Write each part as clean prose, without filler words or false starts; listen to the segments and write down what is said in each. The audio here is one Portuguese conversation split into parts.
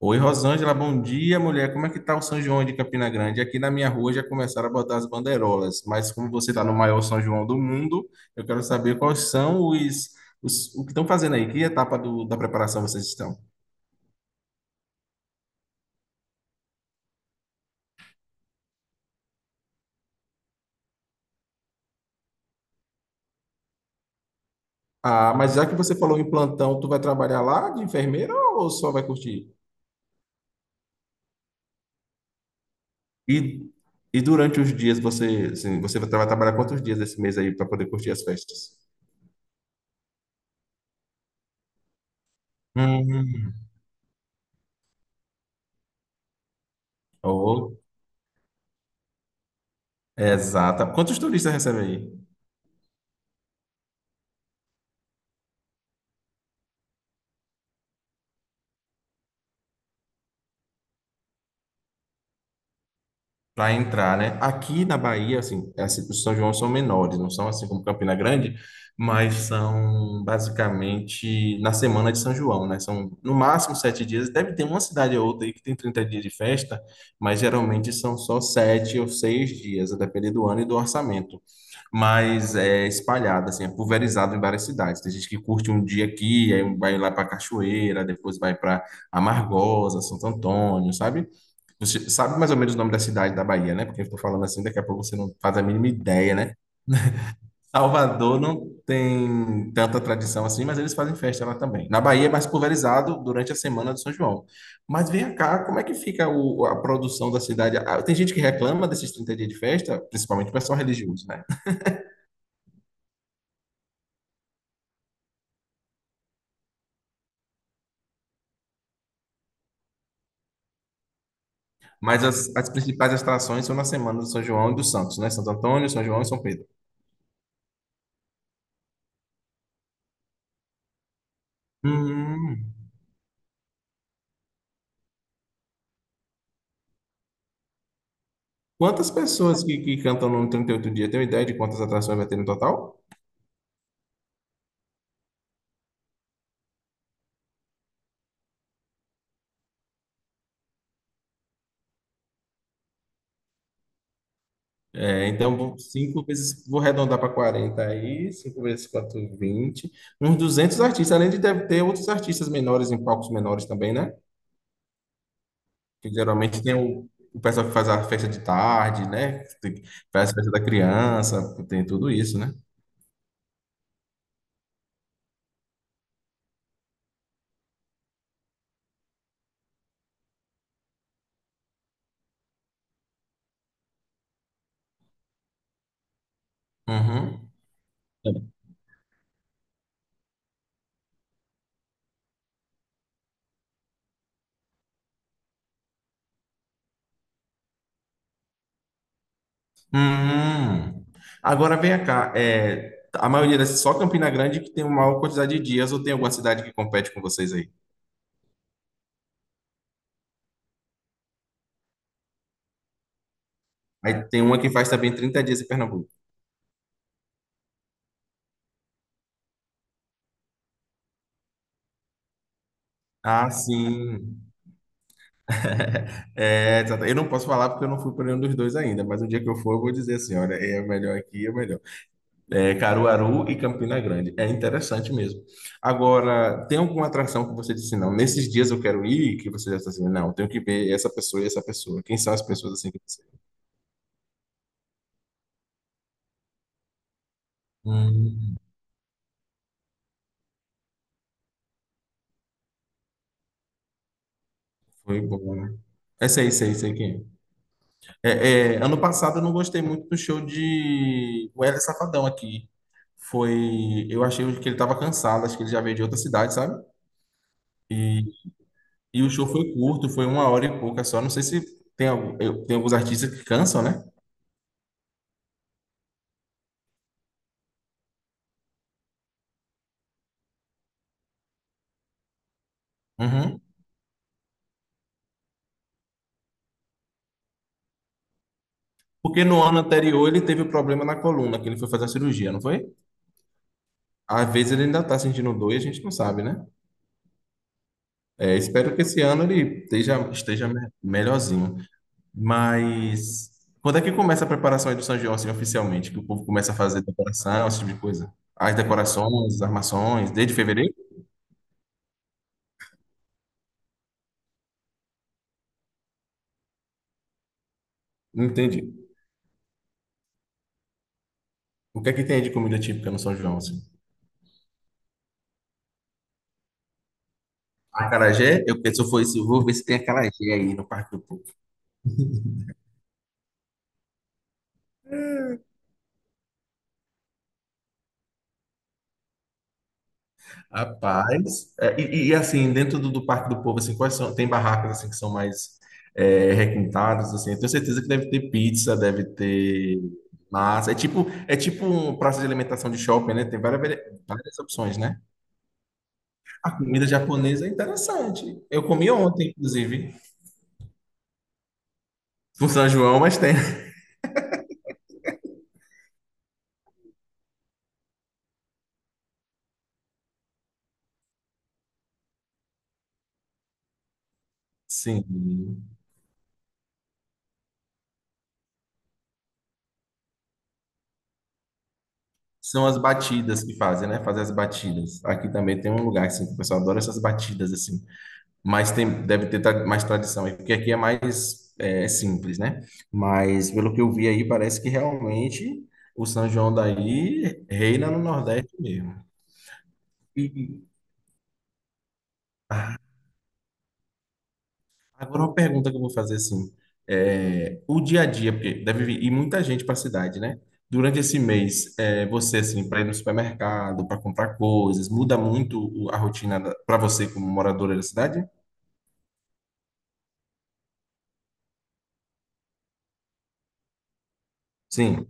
Oi, Rosângela, bom dia, mulher. Como é que tá o São João de Campina Grande? Aqui na minha rua já começaram a botar as bandeirolas, mas como você está no maior São João do mundo, eu quero saber quais são os o que estão fazendo aí, que etapa da preparação vocês estão? Ah, mas já que você falou em plantão, tu vai trabalhar lá de enfermeira ou só vai curtir? E, e durante os dias você, assim, você vai trabalhar quantos dias esse mês aí para poder curtir as festas? Hum, oh, exata. Quantos turistas recebe aí? Para entrar, né? Aqui na Bahia, assim, os São João são menores, não são assim como Campina Grande, mas são basicamente na semana de São João, né? São no máximo 7 dias. Deve ter uma cidade ou outra aí que tem 30 dias de festa, mas geralmente são só sete ou seis dias, a depender do ano e do orçamento. Mas é espalhado, assim, é pulverizado em várias cidades. Tem gente que curte um dia aqui, aí vai lá para Cachoeira, depois vai para Amargosa, Santo Antônio, sabe? Você sabe mais ou menos o nome da cidade da Bahia, né? Porque eu estou falando assim, daqui a pouco você não faz a mínima ideia, né? Salvador não tem tanta tradição assim, mas eles fazem festa lá também. Na Bahia é mais pulverizado durante a semana do São João. Mas vem cá, como é que fica a produção da cidade? Ah, tem gente que reclama desses 30 dias de festa, principalmente o pessoal religioso, né? Mas as principais atrações são na semana do São João e do Santos, né? Santo Antônio, São João e São Pedro. Hum. Quantas pessoas que cantam no 38 dia? Tem uma ideia de quantas atrações vai ter no total? É, então, cinco vezes, vou arredondar para 40 aí, cinco vezes quatro, vinte, uns 200 artistas, além de deve ter outros artistas menores em palcos menores também, né? Que geralmente tem o pessoal que faz a festa de tarde, né? Faz a festa da criança, tem tudo isso, né? Uhum. Hum. Agora vem cá, é, a maioria dessas, só Campina Grande que tem uma maior quantidade de dias, ou tem alguma cidade que compete com vocês aí? Aí tem uma que faz também 30 dias em Pernambuco. Ah, sim. É, exato. Eu não posso falar porque eu não fui para nenhum dos dois ainda, mas um dia que eu for, eu vou dizer assim: olha, é melhor aqui, é melhor. É, Caruaru e Campina Grande. É interessante mesmo. Agora, tem alguma atração que você disse: não, nesses dias eu quero ir, que você já está assim: não, tenho que ver essa pessoa e essa pessoa. Quem são as pessoas assim que você. Hum, foi bom, né? É, sei, sei, sei quem é. É, é, ano passado eu não gostei muito do show de o Wesley Safadão aqui. Foi. Eu achei que ele estava cansado, acho que ele já veio de outra cidade, sabe? E e o show foi curto, foi 1 hora e pouca só. Não sei se tem, tem alguns artistas que cansam, né? Uhum. Porque no ano anterior ele teve problema na coluna, que ele foi fazer a cirurgia, não foi? Às vezes ele ainda tá sentindo dor e a gente não sabe, né? É, espero que esse ano ele esteja, melhorzinho. Mas quando é que começa a preparação aí do São João, assim, oficialmente? Que o povo começa a fazer decoração, esse tipo de coisa? As decorações, as armações, desde fevereiro? Não entendi. O que é que tem aí de comida típica no São João, assim? Acarajé, eu penso, foi isso, vou ver se tem acarajé aí no Parque do povo. Rapaz, é, assim, dentro do Parque do Povo, assim, quais são, tem barracas assim que são mais é, requintadas, assim, eu tenho certeza que deve ter pizza, deve ter massa, é tipo um praça de alimentação de shopping, né? Tem várias, várias opções, né? A comida japonesa é interessante. Eu comi ontem, inclusive, no São João, mas tem. Sim. São as batidas que fazem, né? Fazer as batidas. Aqui também tem um lugar assim, que o pessoal adora essas batidas assim. Mas tem, deve ter mais tradição aí, porque aqui é mais é, simples, né? Mas pelo que eu vi aí, parece que realmente o São João daí reina no Nordeste mesmo. E, ah, agora uma pergunta que eu vou fazer assim, é, o dia a dia, porque deve vir ir muita gente para a cidade, né? Durante esse mês, é, você assim, para ir no supermercado, para comprar coisas, muda muito a rotina para você como moradora da cidade? Sim.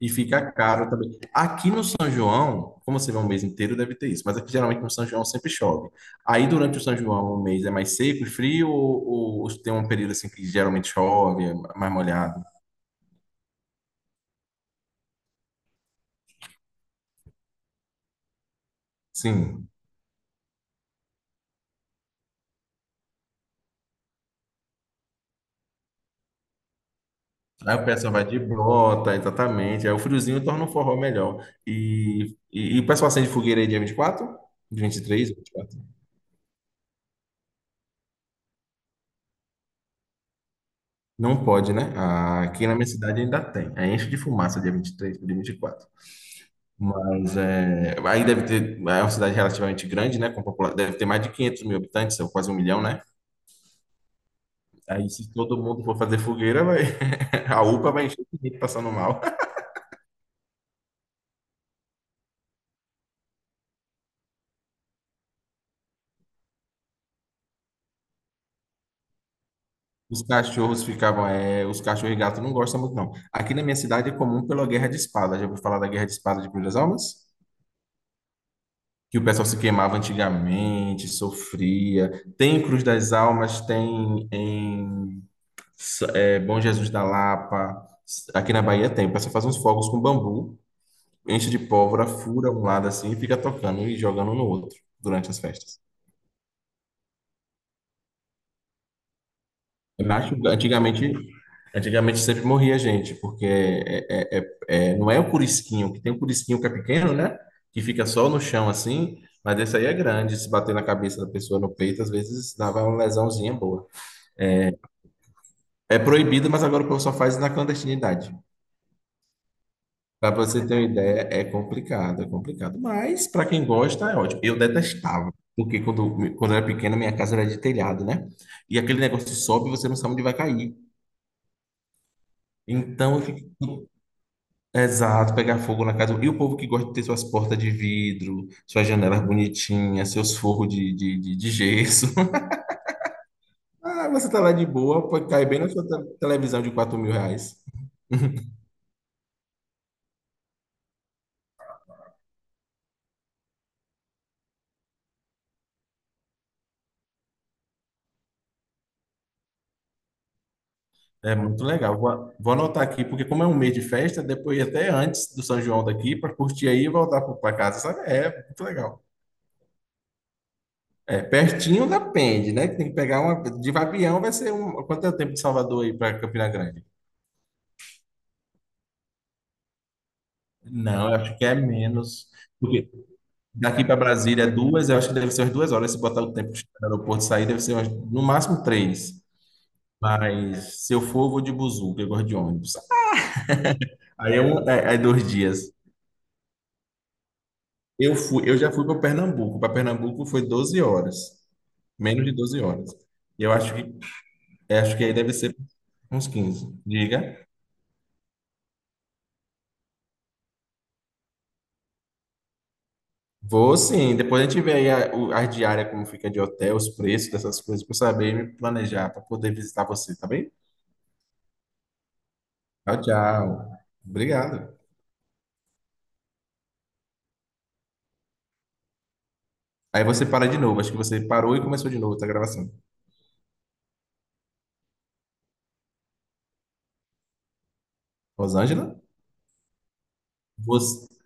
E fica caro também. Aqui no São João, como você vê um mês inteiro, deve ter isso, mas aqui geralmente no São João sempre chove. Aí durante o São João, o mês é mais seco e frio ou tem um período assim que geralmente chove, é mais molhado? Sim. Aí o pessoal vai de bota, exatamente. Aí o friozinho torna o forró melhor. E o pessoal acende fogueira aí dia 24? 23, 24? Não pode, né? Ah, aqui na minha cidade ainda tem. Aí enche de fumaça dia 23 dia 24. Mas é, aí deve ter. É uma cidade relativamente grande, né? Com deve ter mais de 500 mil habitantes, ou quase um milhão, né? Aí se todo mundo for fazer fogueira, vai, a UPA vai encher de gente passando mal. Os cachorros ficavam, é, os cachorros e gatos não gostam muito, não. Aqui na minha cidade é comum pela Guerra de Espada. Já ouviu falar da Guerra de Espada de Cruz das Almas? Que o pessoal se queimava antigamente, sofria. Tem em Cruz das Almas, tem em Bom Jesus da Lapa. Aqui na Bahia tem. O pessoal faz uns fogos com bambu, enche de pólvora, fura um lado assim e fica tocando e jogando no outro durante as festas. Eu acho que antigamente, Antigamente sempre morria gente, porque não é o curisquinho, que tem o curisquinho que é pequeno, né? Que fica só no chão assim, mas esse aí é grande, se bater na cabeça da pessoa no peito, às vezes dava uma lesãozinha boa. É proibido, mas agora o pessoal faz na clandestinidade. Para você ter uma ideia, é complicado, é complicado. Mas para quem gosta, é ótimo. Eu detestava, porque quando eu era pequeno, minha casa era de telhado, né? E aquele negócio sobe e você não sabe onde vai cair. Então, eu fico. Exato, pegar fogo na casa. E o povo que gosta de ter suas portas de vidro, suas janelas bonitinhas, seus forros de gesso. Ah, você tá lá de boa, pode cair bem na sua televisão de R$ 4.000. É muito legal. Vou, vou anotar aqui, porque como é um mês de festa, depois até antes do São João daqui, para curtir aí e voltar para casa, sabe? É muito legal. É, pertinho depende, né? Que tem que pegar uma. De Vabião vai ser um. Quanto é o tempo de Salvador aí para Campina Grande? Não, eu acho que é menos. Daqui para Brasília é duas, eu acho que deve ser umas duas horas. Se botar o tempo que está no aeroporto e sair, deve ser umas- no máximo três. Mas se eu for, eu vou de buzu, que eu gosto de ônibus. Aí é, é dois dias. Eu já fui para Pernambuco. Para Pernambuco foi 12 horas, menos de 12 horas. E acho que aí deve ser uns quinze. Diga. Vou sim. Depois a gente vê aí a diária, como fica de hotel, os preços dessas coisas, para saber me planejar, para poder visitar você, tá bem? Tchau, tchau. Obrigado. Aí você para de novo. Acho que você parou e começou de novo, tá gravação. Rosângela? Você,